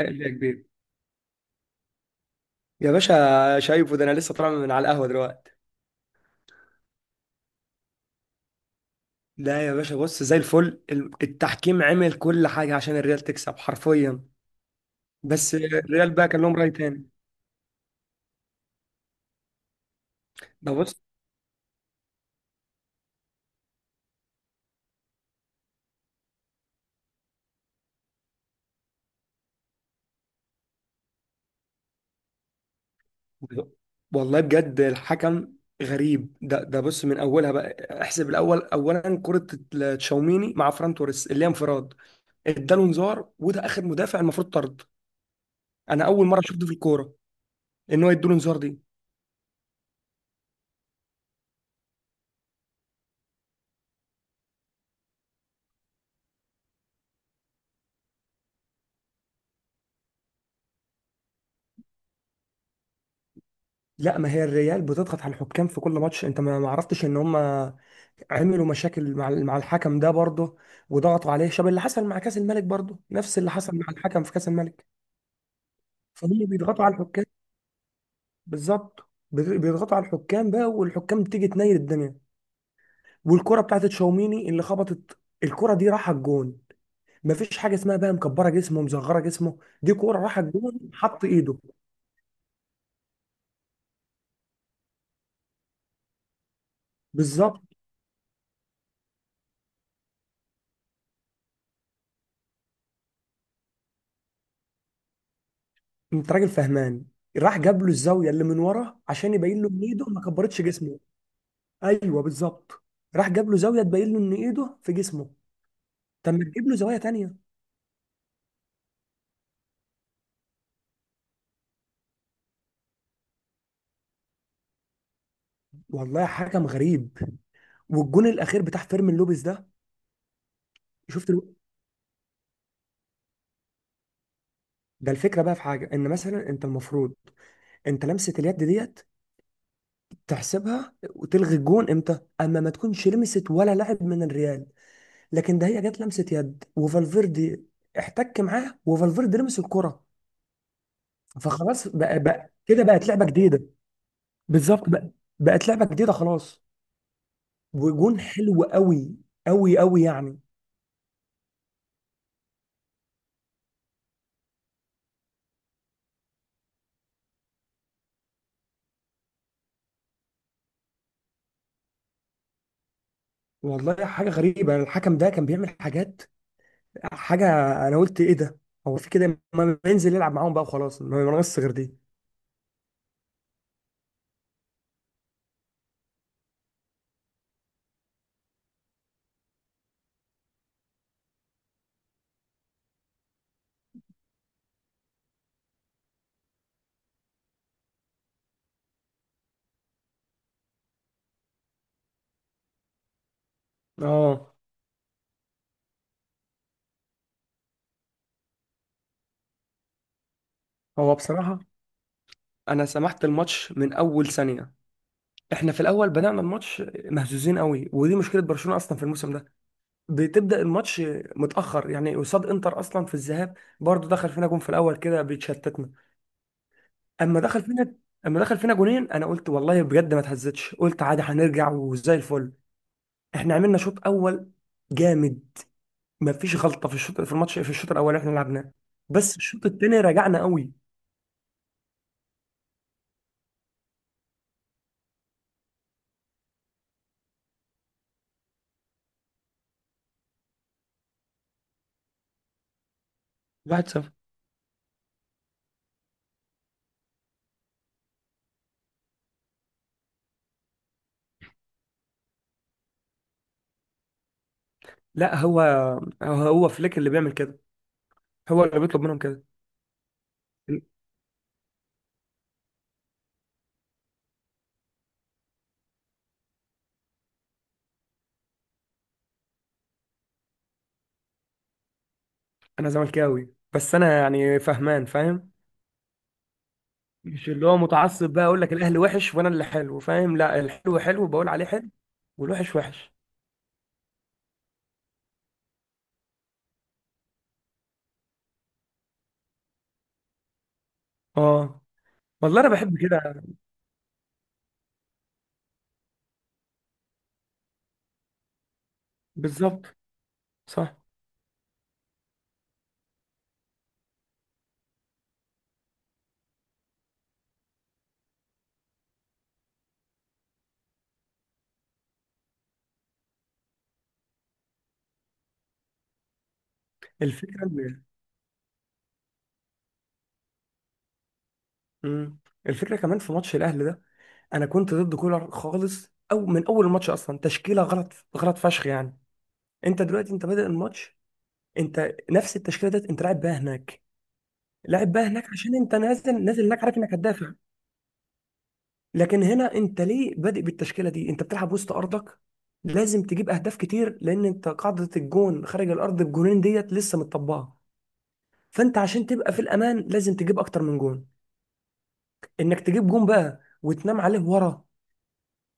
قال لي يا كبير. يا باشا شايفه ده، انا لسه طالع من على القهوه دلوقتي. لا يا باشا، بص زي الفل. التحكيم عمل كل حاجه عشان الريال تكسب حرفيا. بس الريال بقى كان لهم راي تاني. ده بص. والله بجد الحكم غريب. ده بص، من اولها بقى احسب الاول، اولا كره تشاوميني مع فران توريس اللي هي انفراد، اداله انذار وده اخر مدافع المفروض طرد. انا اول مره شفت في الكوره ان هو يديله انذار دي. لا، ما هي الريال بتضغط على الحكام في كل ماتش. انت ما عرفتش ان هم عملوا مشاكل مع مع الحكم ده برضه، وضغطوا عليه شبه اللي حصل مع كاس الملك، برضه نفس اللي حصل مع الحكم في كاس الملك. فهم بيضغطوا على الحكام. بالظبط، بيضغطوا على الحكام بقى، والحكام تيجي تنيل الدنيا. والكرة بتاعت تشاوميني اللي خبطت الكرة دي راحت الجون. مفيش حاجة اسمها بقى مكبرة جسمه مصغرة جسمه، دي كرة راحت الجون حط ايده. بالظبط. انت راجل فهمان. راح جاب له الزاويه اللي من ورا عشان يبين له ان ايده ما كبرتش جسمه. ايوه بالظبط. راح جاب له زاويه تبين له ان ايده في جسمه. طب ما تجيب له زوايا تانية. والله حكم غريب. والجون الاخير بتاع فيرمين لوبيز ده، شفت الو... ده، الفكره بقى في حاجه، ان مثلا انت المفروض، انت لمسه اليد ديت تحسبها وتلغي الجون امتى؟ اما ما تكونش لمست ولا لاعب من الريال. لكن ده هي جت لمسه يد، وفالفيردي احتك معاه وفالفيردي لمس الكره. فخلاص بقى كده بقت لعبه جديده. بالظبط بقى، بقت لعبه جديده خلاص. وجون حلو قوي، قوي قوي يعني. والله حاجه غريبه. الحكم ده كان بيعمل حاجات. حاجه، انا قلت ايه ده. هو في كده؟ ما ينزل يلعب معاهم بقى وخلاص، ما ناقص غير دي. اه. هو بصراحه انا سمحت الماتش من اول ثانيه. احنا في الاول بدأنا الماتش مهزوزين قوي، ودي مشكله برشلونه اصلا في الموسم ده. بتبدأ الماتش متأخر، يعني قصاد انتر اصلا في الذهاب برضه دخل فينا جون في الاول كده بيتشتتنا. اما دخل فينا اما دخل فينا جونين، انا قلت والله بجد ما اتهزتش، قلت عادي هنرجع وزي الفل. احنا عملنا شوط اول جامد، ما فيش غلطه في الشوط، في الماتش، في الشوط الاول اللي احنا لعبناه. بس الشوط التاني رجعنا قوي. 1-0. لا، هو فليك اللي بيعمل كده، هو اللي بيطلب منهم كده. انا زملكاوي، بس انا يعني فهمان فاهم. مش اللي هو متعصب بقى اقول لك الاهلي وحش وانا اللي حلو، فاهم؟ لا، الحلو حلو بقول عليه حلو والوحش وحش. اه. والله انا بحب كده. بالظبط. صح. الفكره إن- مم. الفكره كمان في ماتش الاهلي ده، انا كنت ضد كولر خالص، او من اول الماتش اصلا تشكيله غلط غلط فشخ يعني. انت دلوقتي انت بادئ الماتش. انت نفس التشكيله ديت انت لاعب بيها هناك، لاعب بيها هناك عشان انت نازل نازل هناك عارف انك هتدافع. لكن هنا انت ليه بادئ بالتشكيله دي؟ انت بتلعب وسط ارضك، لازم تجيب اهداف كتير، لان انت قاعده الجون خارج الارض بجونين ديت لسه متطبقه. فانت عشان تبقى في الامان لازم تجيب اكتر من جون، انك تجيب جون بقى وتنام عليه ورا.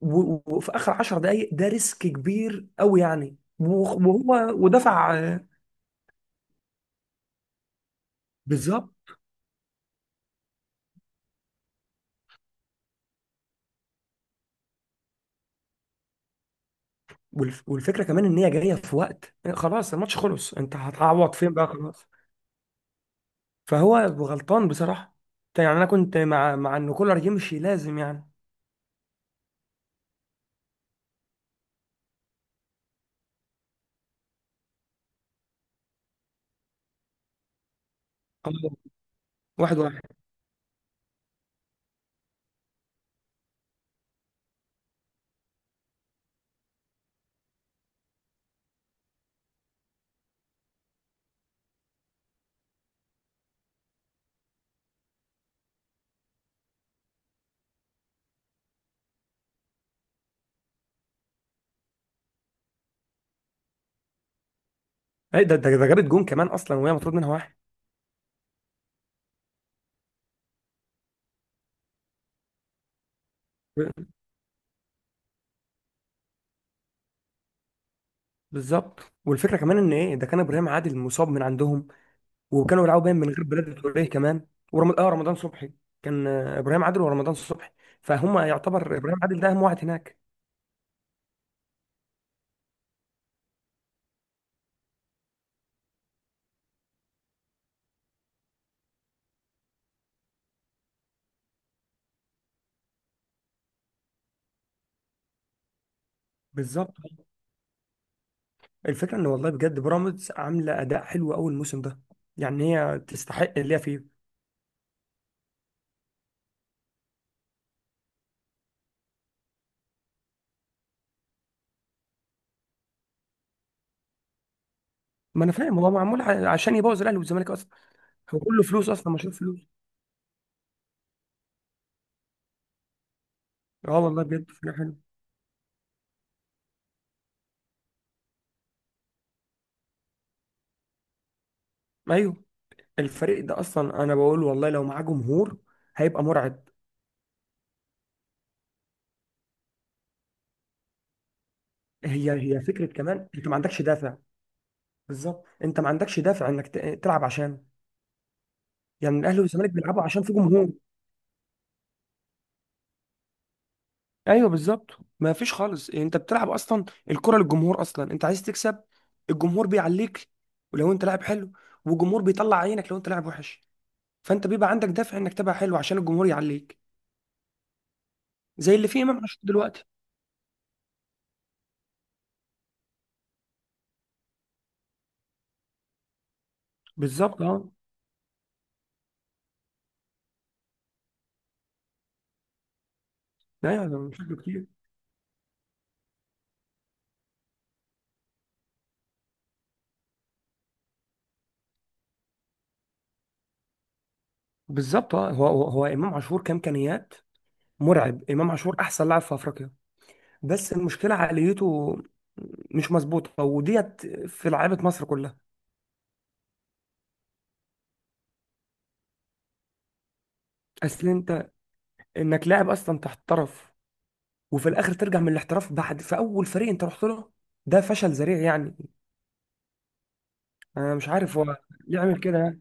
وفي اخر 10 دقائق ده ريسك كبير قوي يعني وهو ودفع بالظبط. والفكره كمان ان هي جايه في وقت خلاص، الماتش خلص، انت هتعوض فين بقى خلاص. فهو غلطان بصراحه، يعني انا كنت مع ان كولر يمشي، لازم يعني آه، 1-1. ايه ده، جابت جون كمان اصلا وهي مطرود منها واحد. ب- بالظبط. والفكره كمان ان، ايه ده، كان ابراهيم عادل مصاب من عندهم، وكانوا بيلعبوا باين، من غير بلاد تروليه كمان. ورم... اه رمضان صبحي. كان ابراهيم عادل ورمضان صبحي. فهم يعتبر ابراهيم عادل ده اهم واحد هناك. بالظبط. الفكره ان والله بجد بيراميدز عامله اداء حلو قوي الموسم ده. يعني هي تستحق اللي هي فيه. ما انا فاهم، هو معمول عشان يبوظ الاهلي والزمالك اصلا. هو كله فلوس اصلا، مشروع فلوس. اه. والله بجد فريق حلو. ايوه. الفريق ده اصلا، انا بقول والله لو معاه جمهور هيبقى مرعب. هي فكره كمان انت ما عندكش دافع. بالظبط. انت ما عندكش دافع انك تلعب عشانه. يعني الاهلي والزمالك بيلعبوا عشان في جمهور. ايوه بالظبط. ما فيش خالص، يعني انت بتلعب اصلا، الكره للجمهور اصلا، انت عايز تكسب. الجمهور بيعليك ولو انت لاعب حلو، والجمهور بيطلع عينك لو انت لاعب وحش. فانت بيبقى عندك دافع انك تبقى حلو عشان الجمهور يعليك. زي اللي فيه امام عاشور دلوقتي. بالظبط. اه. ايوه. ده مش شكله كتير. بالظبط اه. هو امام عاشور كامكانيات مرعب. امام عاشور احسن لاعب في افريقيا. بس المشكله عقليته مش مظبوطه، وديت في لعيبه مصر كلها. اصل انك لاعب اصلا تحترف، وفي الاخر ترجع من الاحتراف بعد في اول فريق انت رحت له، ده فشل ذريع يعني. انا مش عارف هو يعمل كده يعني.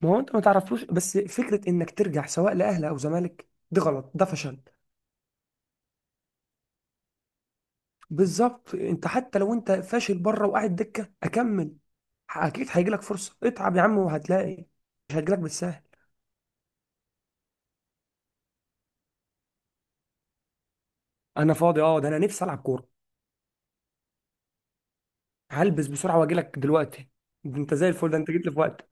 ما هو انت ما تعرفوش، بس فكره انك ترجع سواء لاهلي او زمالك دي غلط، ده فشل. بالظبط. انت حتى لو انت فاشل بره وقاعد دكه اكمل. اكيد هيجيلك فرصه. اتعب يا عم وهتلاقي، مش هتجيلك بالسهل. انا فاضي. اه، ده انا نفسي العب كوره. هلبس بسرعه واجيلك دلوقتي. ده انت زي الفل، ده انت جيت لي في وقت.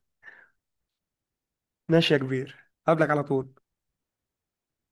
ماشي يا كبير، قبلك على طول.